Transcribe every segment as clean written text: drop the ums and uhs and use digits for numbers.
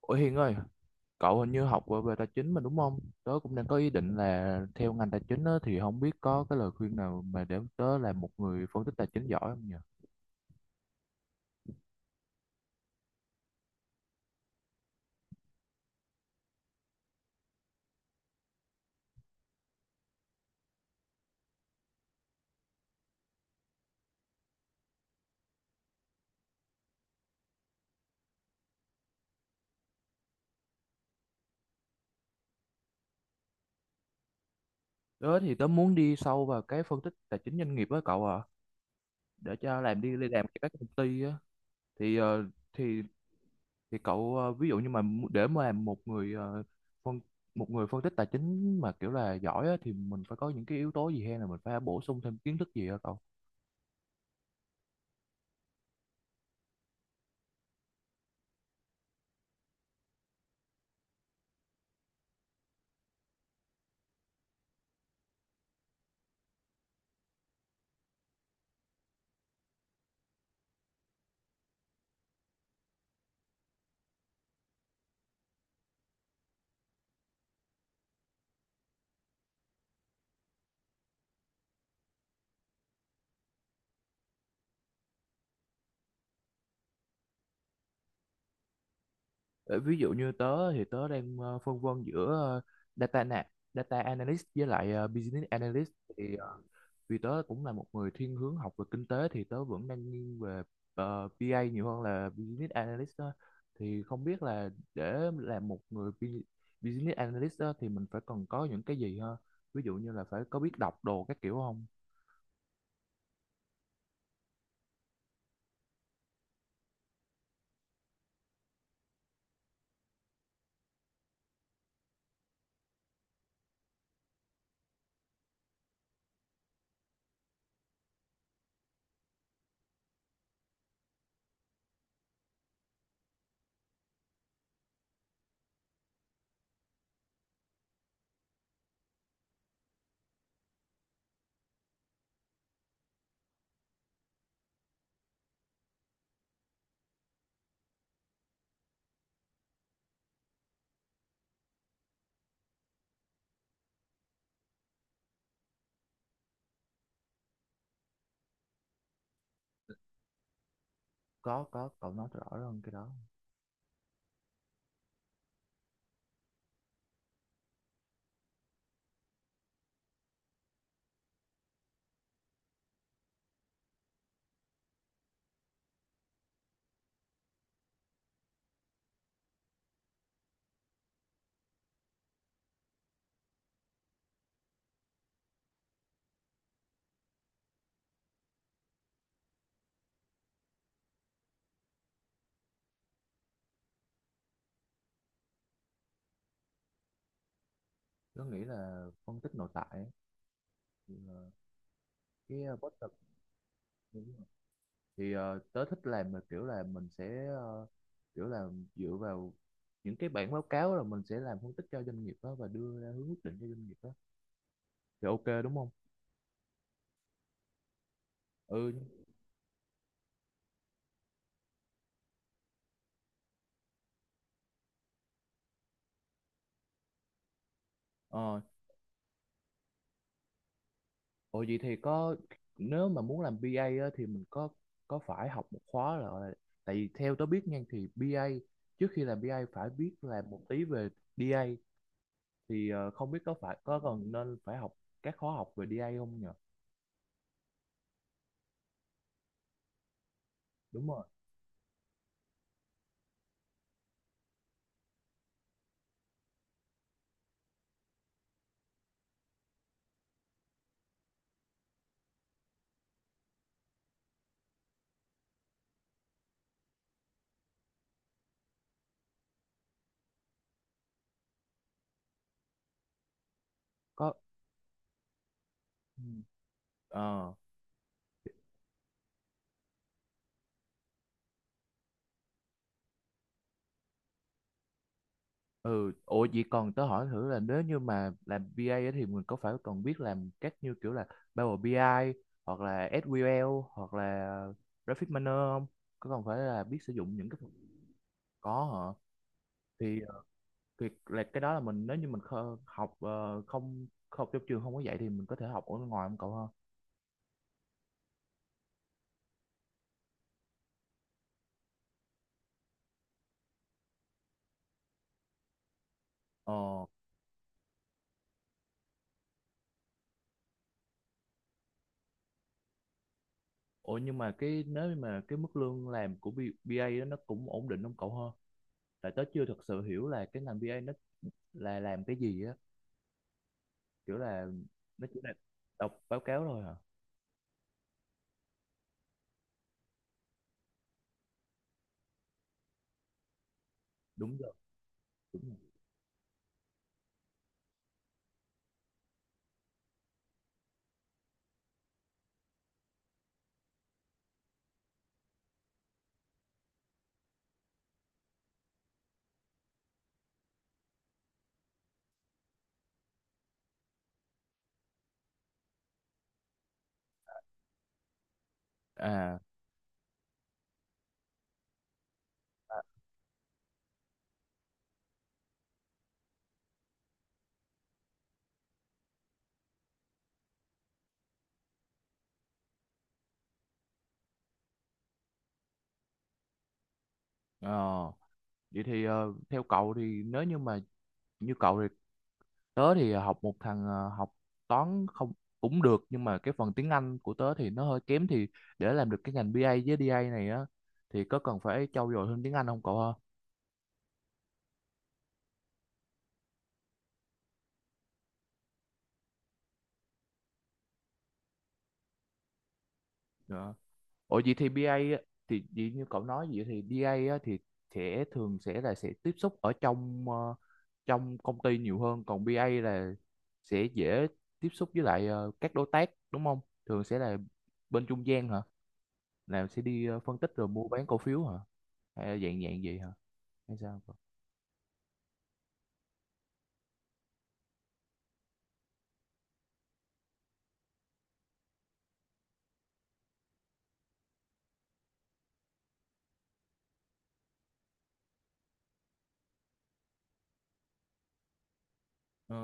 Ủa Hiền ơi, cậu hình như học về về tài chính mà đúng không? Tớ cũng đang có ý định là theo ngành tài chính á, thì không biết có cái lời khuyên nào mà để tớ là một người phân tích tài chính giỏi không nhỉ? Tớ thì tớ muốn đi sâu vào cái phân tích tài chính doanh nghiệp á cậu ạ, để cho làm đi đi làm cho các công ty á. Thì ờ, thì thì cậu, ví dụ như mà để mà làm một người, phân một người phân tích tài chính mà kiểu là giỏi á, thì mình phải có những cái yếu tố gì hay là mình phải bổ sung thêm kiến thức gì hả cậu? Ờ, ví dụ như tớ thì tớ đang phân vân giữa data na- data analyst với lại business analyst, thì vì tớ cũng là một người thiên hướng học về kinh tế thì tớ vẫn đang nghiêng về BA nhiều hơn là business analyst đó. Thì không biết là để làm một người business analyst đó, thì mình phải cần có những cái gì ha, ví dụ như là phải có biết đọc đồ các kiểu không? Có, có, cậu nói rõ hơn cái đó. Tớ nghĩ là phân tích nội tại ấy. Thì, cái, bottom, thì tớ thích làm là kiểu là mình sẽ, kiểu là dựa vào những cái bản báo cáo là mình sẽ làm phân tích cho doanh nghiệp đó và đưa ra hướng quyết định cho doanh nghiệp đó. Thì ok đúng không? Ừ. Ờ. Ồ, vậy thì có. Nếu mà muốn làm BA á, thì mình có phải học một khóa là, tại vì theo tớ biết nha thì BA trước khi làm BA phải biết làm một tí về DA, thì không biết có phải có cần nên phải học các khóa học về DA không nhỉ? Đúng rồi. Có. Ừ. Ờ. Ừ. Ủa vậy còn tớ hỏi thử là, nếu như mà làm BA ấy thì mình có phải còn biết làm các như kiểu là Power BI hoặc là SQL hoặc là Graphic Miner không? Có còn phải là biết sử dụng những cái. Có hả? Thì thì là cái đó là mình, nếu như mình học, không không trong trường không có dạy thì mình có thể học ở ngoài không cậu ha? Ờ. Ủa nhưng mà cái, nếu như mà cái mức lương làm của B- a đó nó cũng ổn định không cậu ha? Tại tớ chưa thật sự hiểu là cái ngành BA nó là làm cái gì á, kiểu là nó chỉ là đọc báo cáo thôi hả? Đúng rồi, đúng rồi. À. ờ, vậy thì, theo cậu thì, nếu như mà như cậu thì, tớ thì học một thằng, học toán không cũng được nhưng mà cái phần tiếng Anh của tớ thì nó hơi kém, thì để làm được cái ngành BA với DA này á thì có cần phải trau dồi thêm tiếng Anh không cậu? Ha. Ủa vậy thì BA á, thì vậy như cậu nói vậy thì BA á, thì sẽ thường sẽ là sẽ tiếp xúc ở trong, trong công ty nhiều hơn, còn BA là sẽ dễ tiếp xúc với lại, các đối tác đúng không? Thường sẽ là bên trung gian hả? Là sẽ đi, phân tích rồi mua bán cổ phiếu hả? Hay là dạng dạng gì hả? Hay sao, cậu? Ờ.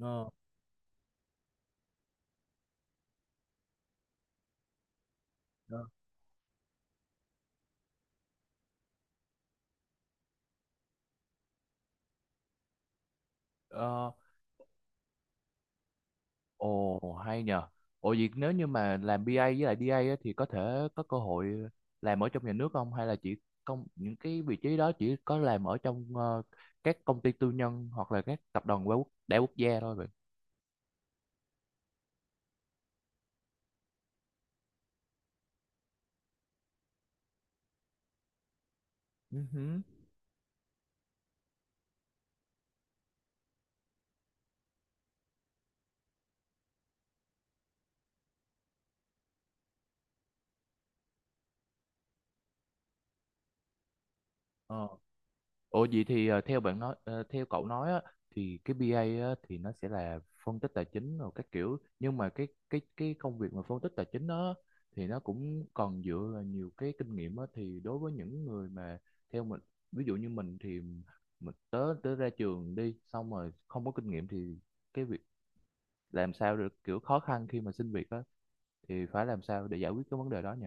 Ờ. Ờ. Ờ. Ồ hay nhờ. Ồ vậy nếu như mà làm BA với lại DA á, thì có thể có cơ hội làm ở trong nhà nước không hay là chỉ công những cái vị trí đó chỉ có làm ở trong, các công ty tư nhân hoặc là các tập đoàn đa quốc gia thôi vậy? Ừ. Ồ vậy thì, theo cậu nói á, thì cái BA á, thì nó sẽ là phân tích tài chính rồi các kiểu, nhưng mà cái công việc mà phân tích tài chính đó thì nó cũng còn dựa vào nhiều cái kinh nghiệm á, thì đối với những người mà theo mình, ví dụ như mình thì mình tới tới ra trường đi xong rồi không có kinh nghiệm thì cái việc làm sao được kiểu khó khăn khi mà xin việc á, thì phải làm sao để giải quyết cái vấn đề đó nhỉ?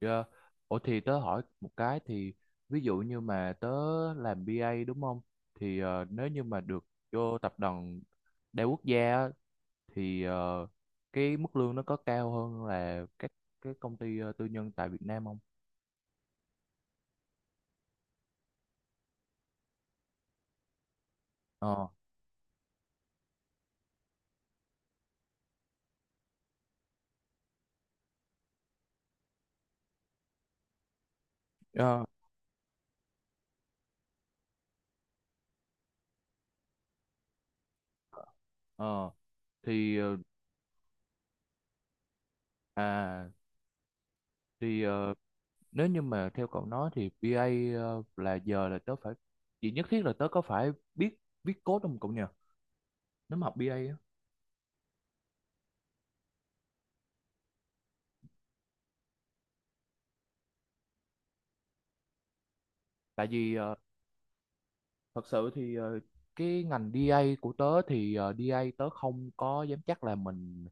Dạ. Ủa thì tớ hỏi một cái thì, ví dụ như mà tớ làm BA đúng không? Thì nếu như mà được vô tập đoàn đa quốc gia á, thì cái mức lương nó có cao hơn là các cái công ty, tư nhân tại Việt Nam không? Ờ. Ờ. Ờ. Thì à, thì nếu như mà theo cậu nói thì BA, là giờ là tớ phải, chỉ nhất thiết là tớ có phải biết viết code không cậu nhỉ? Nếu mà học BA á. Tại vì thật sự thì cái ngành DA của tớ thì DA tớ không có dám chắc là mình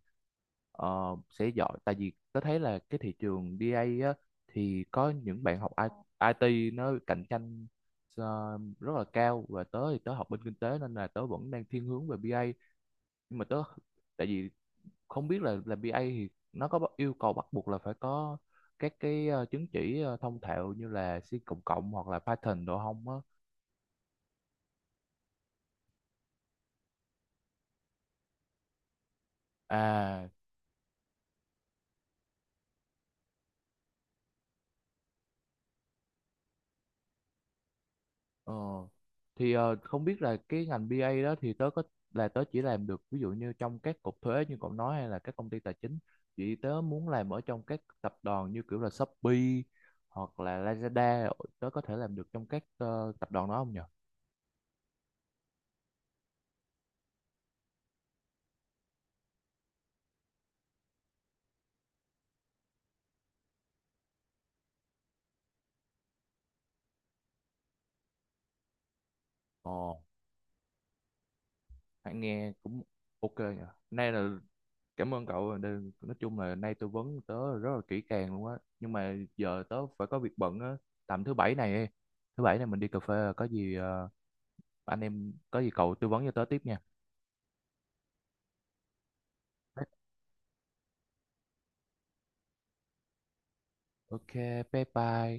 sẽ giỏi, tại vì tớ thấy là cái thị trường DA á, thì có những bạn học IT nó cạnh tranh rất là cao, và tớ thì tớ học bên kinh tế nên là tớ vẫn đang thiên hướng về BA nhưng mà tại vì không biết là BA thì nó có yêu cầu bắt buộc là phải có các cái, chứng chỉ, thông thạo như là C cộng cộng hoặc là Python đồ không á? À. Ờ. Thì không biết là cái ngành BA đó thì tớ có là tớ chỉ làm được ví dụ như trong các cục thuế như cậu nói hay là các công ty tài chính, chỉ tớ muốn làm ở trong các tập đoàn như kiểu là Shopee hoặc là Lazada, tớ có thể làm được trong các, tập đoàn đó không nhờ? Ồ, hãy nghe cũng ok nhờ. Nay là cảm ơn cậu đây, nói chung là nay tư vấn tớ rất là kỹ càng luôn á nhưng mà giờ tớ phải có việc bận á, tầm thứ bảy này mình đi cà phê, có gì, anh em, có gì cậu tư vấn cho tớ tiếp nha. Ok, bye bye.